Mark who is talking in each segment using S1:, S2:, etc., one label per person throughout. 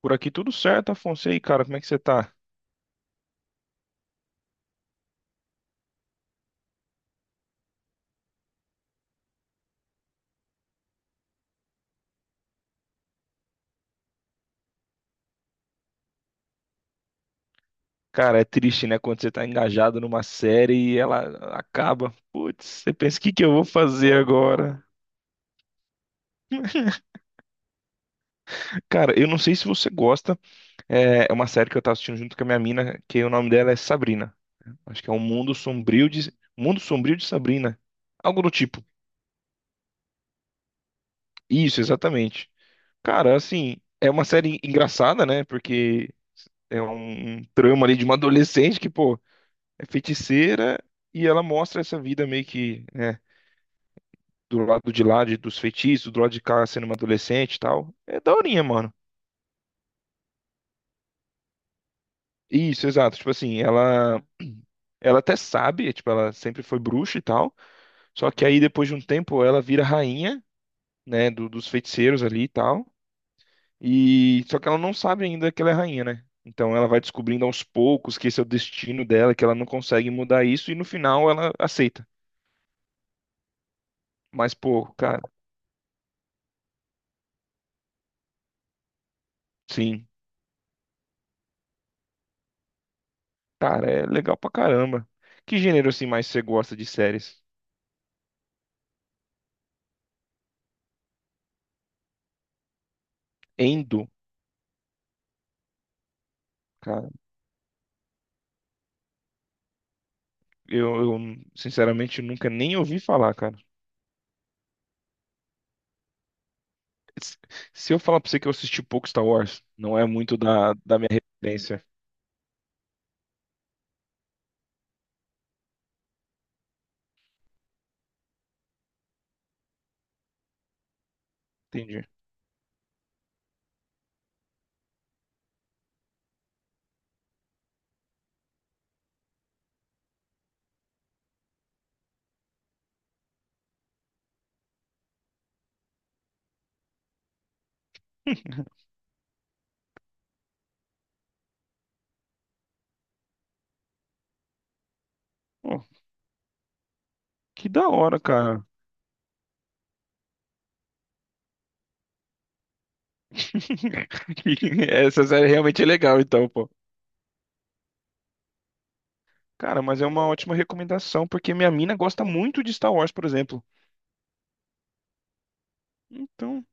S1: Por aqui tudo certo, Afonso. E aí, cara, como é que você tá? Cara, é triste, né? Quando você tá engajado numa série e ela acaba. Putz, você pensa, o que que eu vou fazer agora? Cara, eu não sei se você gosta. É uma série que eu tava assistindo junto com a minha mina, que o nome dela é Sabrina. Acho que é um Mundo Sombrio de Sabrina. Algo do tipo. Isso, exatamente. Cara, assim, é uma série engraçada, né? Porque é um trama ali de uma adolescente que, pô, é feiticeira e ela mostra essa vida meio que, né, do lado de lá dos feitiços, do lado de cá sendo uma adolescente e tal. É daorinha, mano. Isso, exato. Tipo assim, ela ela até sabe, é, tipo, ela sempre foi bruxa e tal. Só que aí depois de um tempo ela vira rainha, né, dos feiticeiros ali e tal. E só que ela não sabe ainda que ela é rainha, né? Então ela vai descobrindo aos poucos que esse é o destino dela, que ela não consegue mudar isso e no final ela aceita. Mas pô, cara, sim. Cara, é legal pra caramba. Que gênero assim mais você gosta de séries? Endo, cara. Eu sinceramente nunca nem ouvi falar, cara. Se se eu falar pra você que eu assisti pouco Star Wars, não é muito da, da minha referência. Entendi. Pô, que da hora, cara. Essa série realmente é legal, então, pô. Cara, mas é uma ótima recomendação, porque minha mina gosta muito de Star Wars, por exemplo. Então,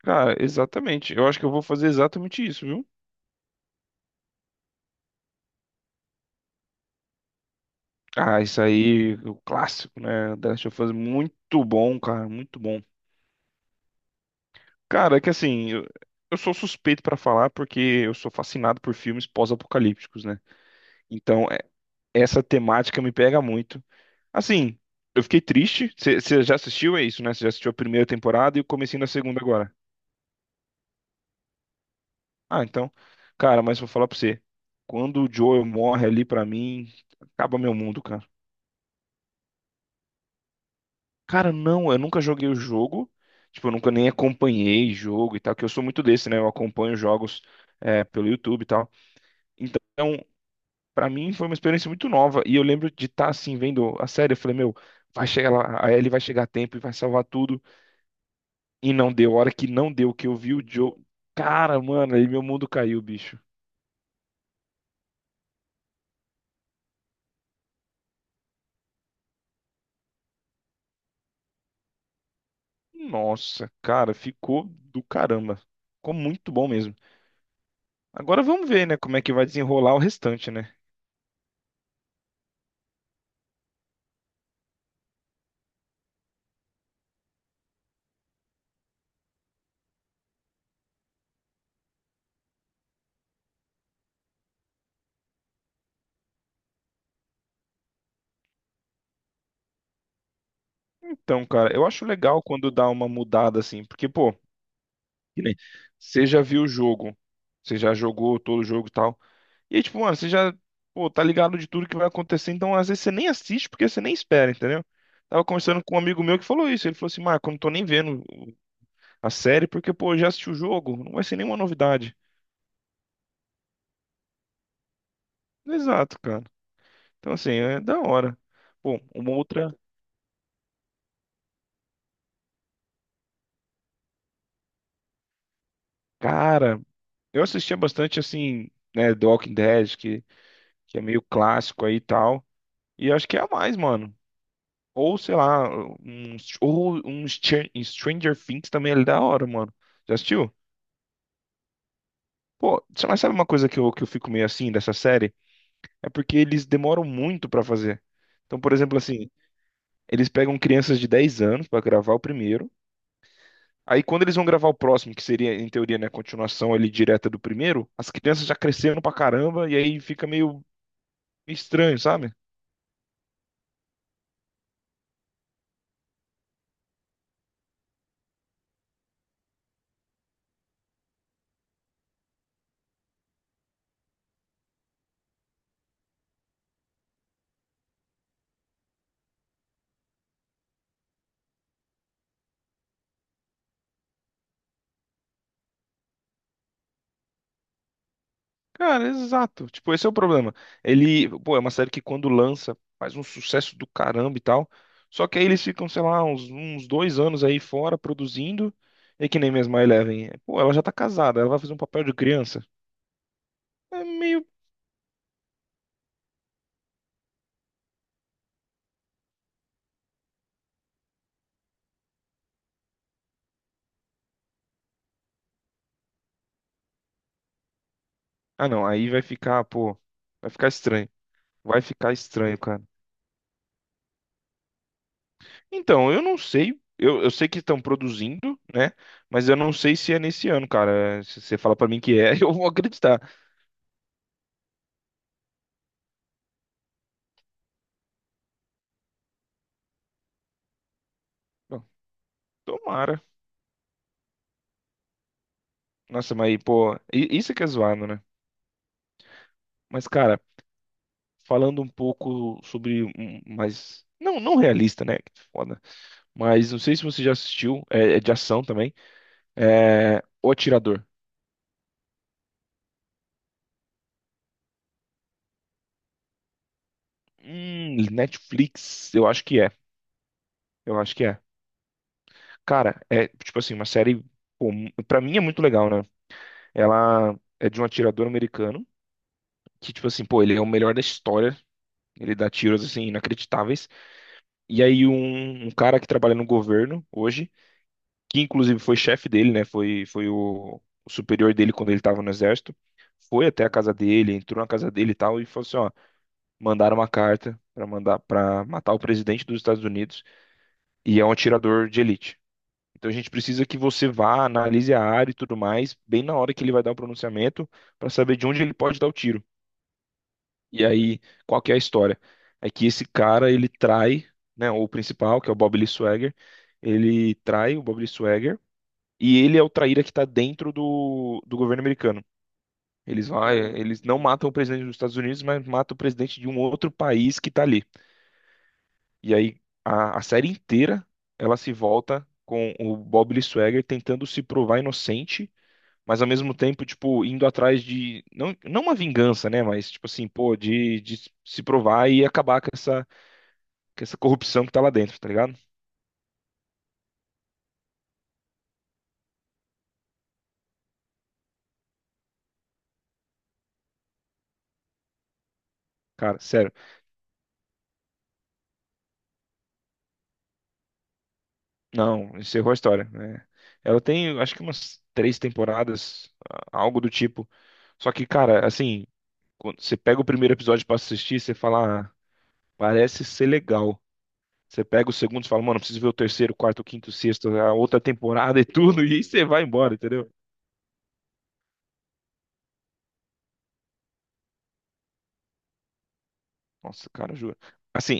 S1: cara, exatamente. Eu acho que eu vou fazer exatamente isso, viu? Ah, isso aí, o clássico, né? The Last of Us, muito bom. Cara, é que assim, eu sou suspeito pra falar porque eu sou fascinado por filmes pós-apocalípticos, né? Então, essa temática me pega muito. Assim, eu fiquei triste. Você já assistiu? É isso, né? Você já assistiu a primeira temporada e o comecinho da segunda agora. Ah, então, cara, mas vou falar pra você. Quando o Joel morre ali pra mim, acaba meu mundo, cara. Cara, não, eu nunca joguei o jogo. Tipo, eu nunca nem acompanhei jogo e tal, que eu sou muito desse, né? Eu acompanho jogos é, pelo YouTube e tal. Então, pra mim foi uma experiência muito nova. E eu lembro de estar assim, vendo a série, eu falei, meu, vai chegar lá, a Ellie vai chegar a tempo e vai salvar tudo. E não deu, a hora que não deu, que eu vi o Joe. Cara, mano, aí meu mundo caiu, bicho. Nossa, cara, ficou do caramba. Ficou muito bom mesmo. Agora vamos ver, né, como é que vai desenrolar o restante, né? Então, cara, eu acho legal quando dá uma mudada assim, porque, pô, que nem- você já viu o jogo, você já jogou todo o jogo e tal. E aí, tipo, mano, você já, pô, tá ligado de tudo que vai acontecer, então às vezes você nem assiste porque você nem espera, entendeu? Tava conversando com um amigo meu que falou isso. Ele falou assim, Marco, eu não tô nem vendo a série porque, pô, eu já assisti o jogo, não vai ser nenhuma novidade. Exato, cara. Então, assim, é da hora. Bom, uma outra. Cara, eu assistia bastante, assim, né, The Walking Dead, que é meio clássico aí e tal. E acho que é a mais, mano. Ou, sei lá, um, ou um Stranger Things também é da hora, mano. Já assistiu? Pô, você mas sabe uma coisa que eu fico meio assim dessa série? É porque eles demoram muito pra fazer. Então, por exemplo, assim, eles pegam crianças de 10 anos pra gravar o primeiro. Aí, quando eles vão gravar o próximo, que seria, em teoria, né, a continuação ali direta do primeiro, as crianças já cresceram pra caramba e aí fica meio estranho, sabe? Cara, exato. Tipo, esse é o problema. Ele, pô, é uma série que quando lança faz um sucesso do caramba e tal. Só que aí eles ficam, sei lá, uns 2 anos aí fora produzindo. É que nem mesmo a Eleven. É, pô, ela já tá casada, ela vai fazer um papel de criança. É meio. Ah, não, aí vai ficar, pô. Vai ficar estranho. Vai ficar estranho, cara. Então, eu não sei. Eu sei que estão produzindo, né? Mas eu não sei se é nesse ano, cara. Se você fala pra mim que é, eu vou acreditar. Bom, tomara. Nossa, mas pô, isso que é zoado, né? Mas, cara, falando um pouco sobre um mais. Não, não realista, né? Que foda. Mas não sei se você já assistiu, é, é de ação também. É... O Atirador. Netflix, eu acho que é. Eu acho que é. Cara, é tipo assim, uma série. Pô, pra mim é muito legal, né? Ela é de um atirador americano. Que, tipo assim, pô, ele é o melhor da história. Ele dá tiros, assim, inacreditáveis. E aí, um cara que trabalha no governo hoje, que inclusive foi chefe dele, né? Foi o superior dele quando ele estava no exército. Foi até a casa dele, entrou na casa dele e tal, e falou assim, ó, mandaram uma carta para mandar para matar o presidente dos Estados Unidos e é um atirador de elite. Então a gente precisa que você vá, analise a área e tudo mais, bem na hora que ele vai dar o pronunciamento, para saber de onde ele pode dar o tiro. E aí, qual que é a história? É que esse cara, ele trai, né, o principal, que é o Bob Lee Swagger, ele trai o Bob Lee Swagger e ele é o traíra que está dentro do, do governo americano. Eles vai, eles não matam o presidente dos Estados Unidos, mas matam o presidente de um outro país que está ali. E aí a série inteira ela se volta com o Bob Lee Swagger tentando se provar inocente, mas ao mesmo tempo, tipo, indo atrás de não, não uma vingança, né, mas tipo assim, pô, de se provar e acabar com essa corrupção que tá lá dentro, tá ligado? Cara, sério. Não, encerrou a história, né? Ela tem, acho que umas 3 temporadas, algo do tipo. Só que, cara, assim, quando você pega o primeiro episódio pra assistir, você fala, ah, parece ser legal. Você pega o segundo e fala, mano, preciso ver o terceiro, quarto, quinto, sexto, a outra temporada e tudo, e aí você vai embora, entendeu? Nossa, cara, juro. Assim,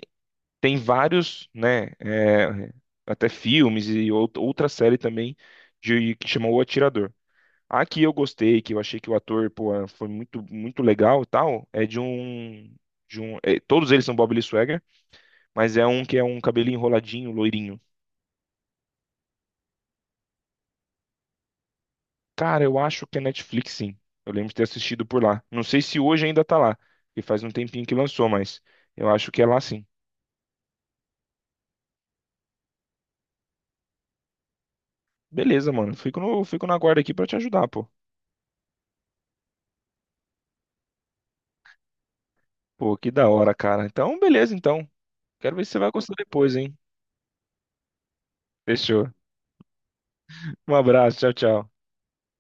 S1: tem vários, né, é, até filmes e outra série também de, que chamou O Atirador. A que eu gostei, que eu achei que o ator, pô, eh, foi muito, muito legal e tal, é de um, eh, todos eles são Bob Lee Swagger, mas é um que é um cabelinho enroladinho, loirinho. Cara, eu acho que é Netflix, sim. Eu lembro de ter assistido por lá. Não sei se hoje ainda tá lá, porque faz um tempinho que lançou, mas eu acho que é lá sim. Beleza, mano. Fico no, fico na guarda aqui pra te ajudar, pô. Pô, que da hora, cara. Então, beleza, então. Quero ver se você vai gostar depois, hein? Fechou. Um abraço, tchau, tchau.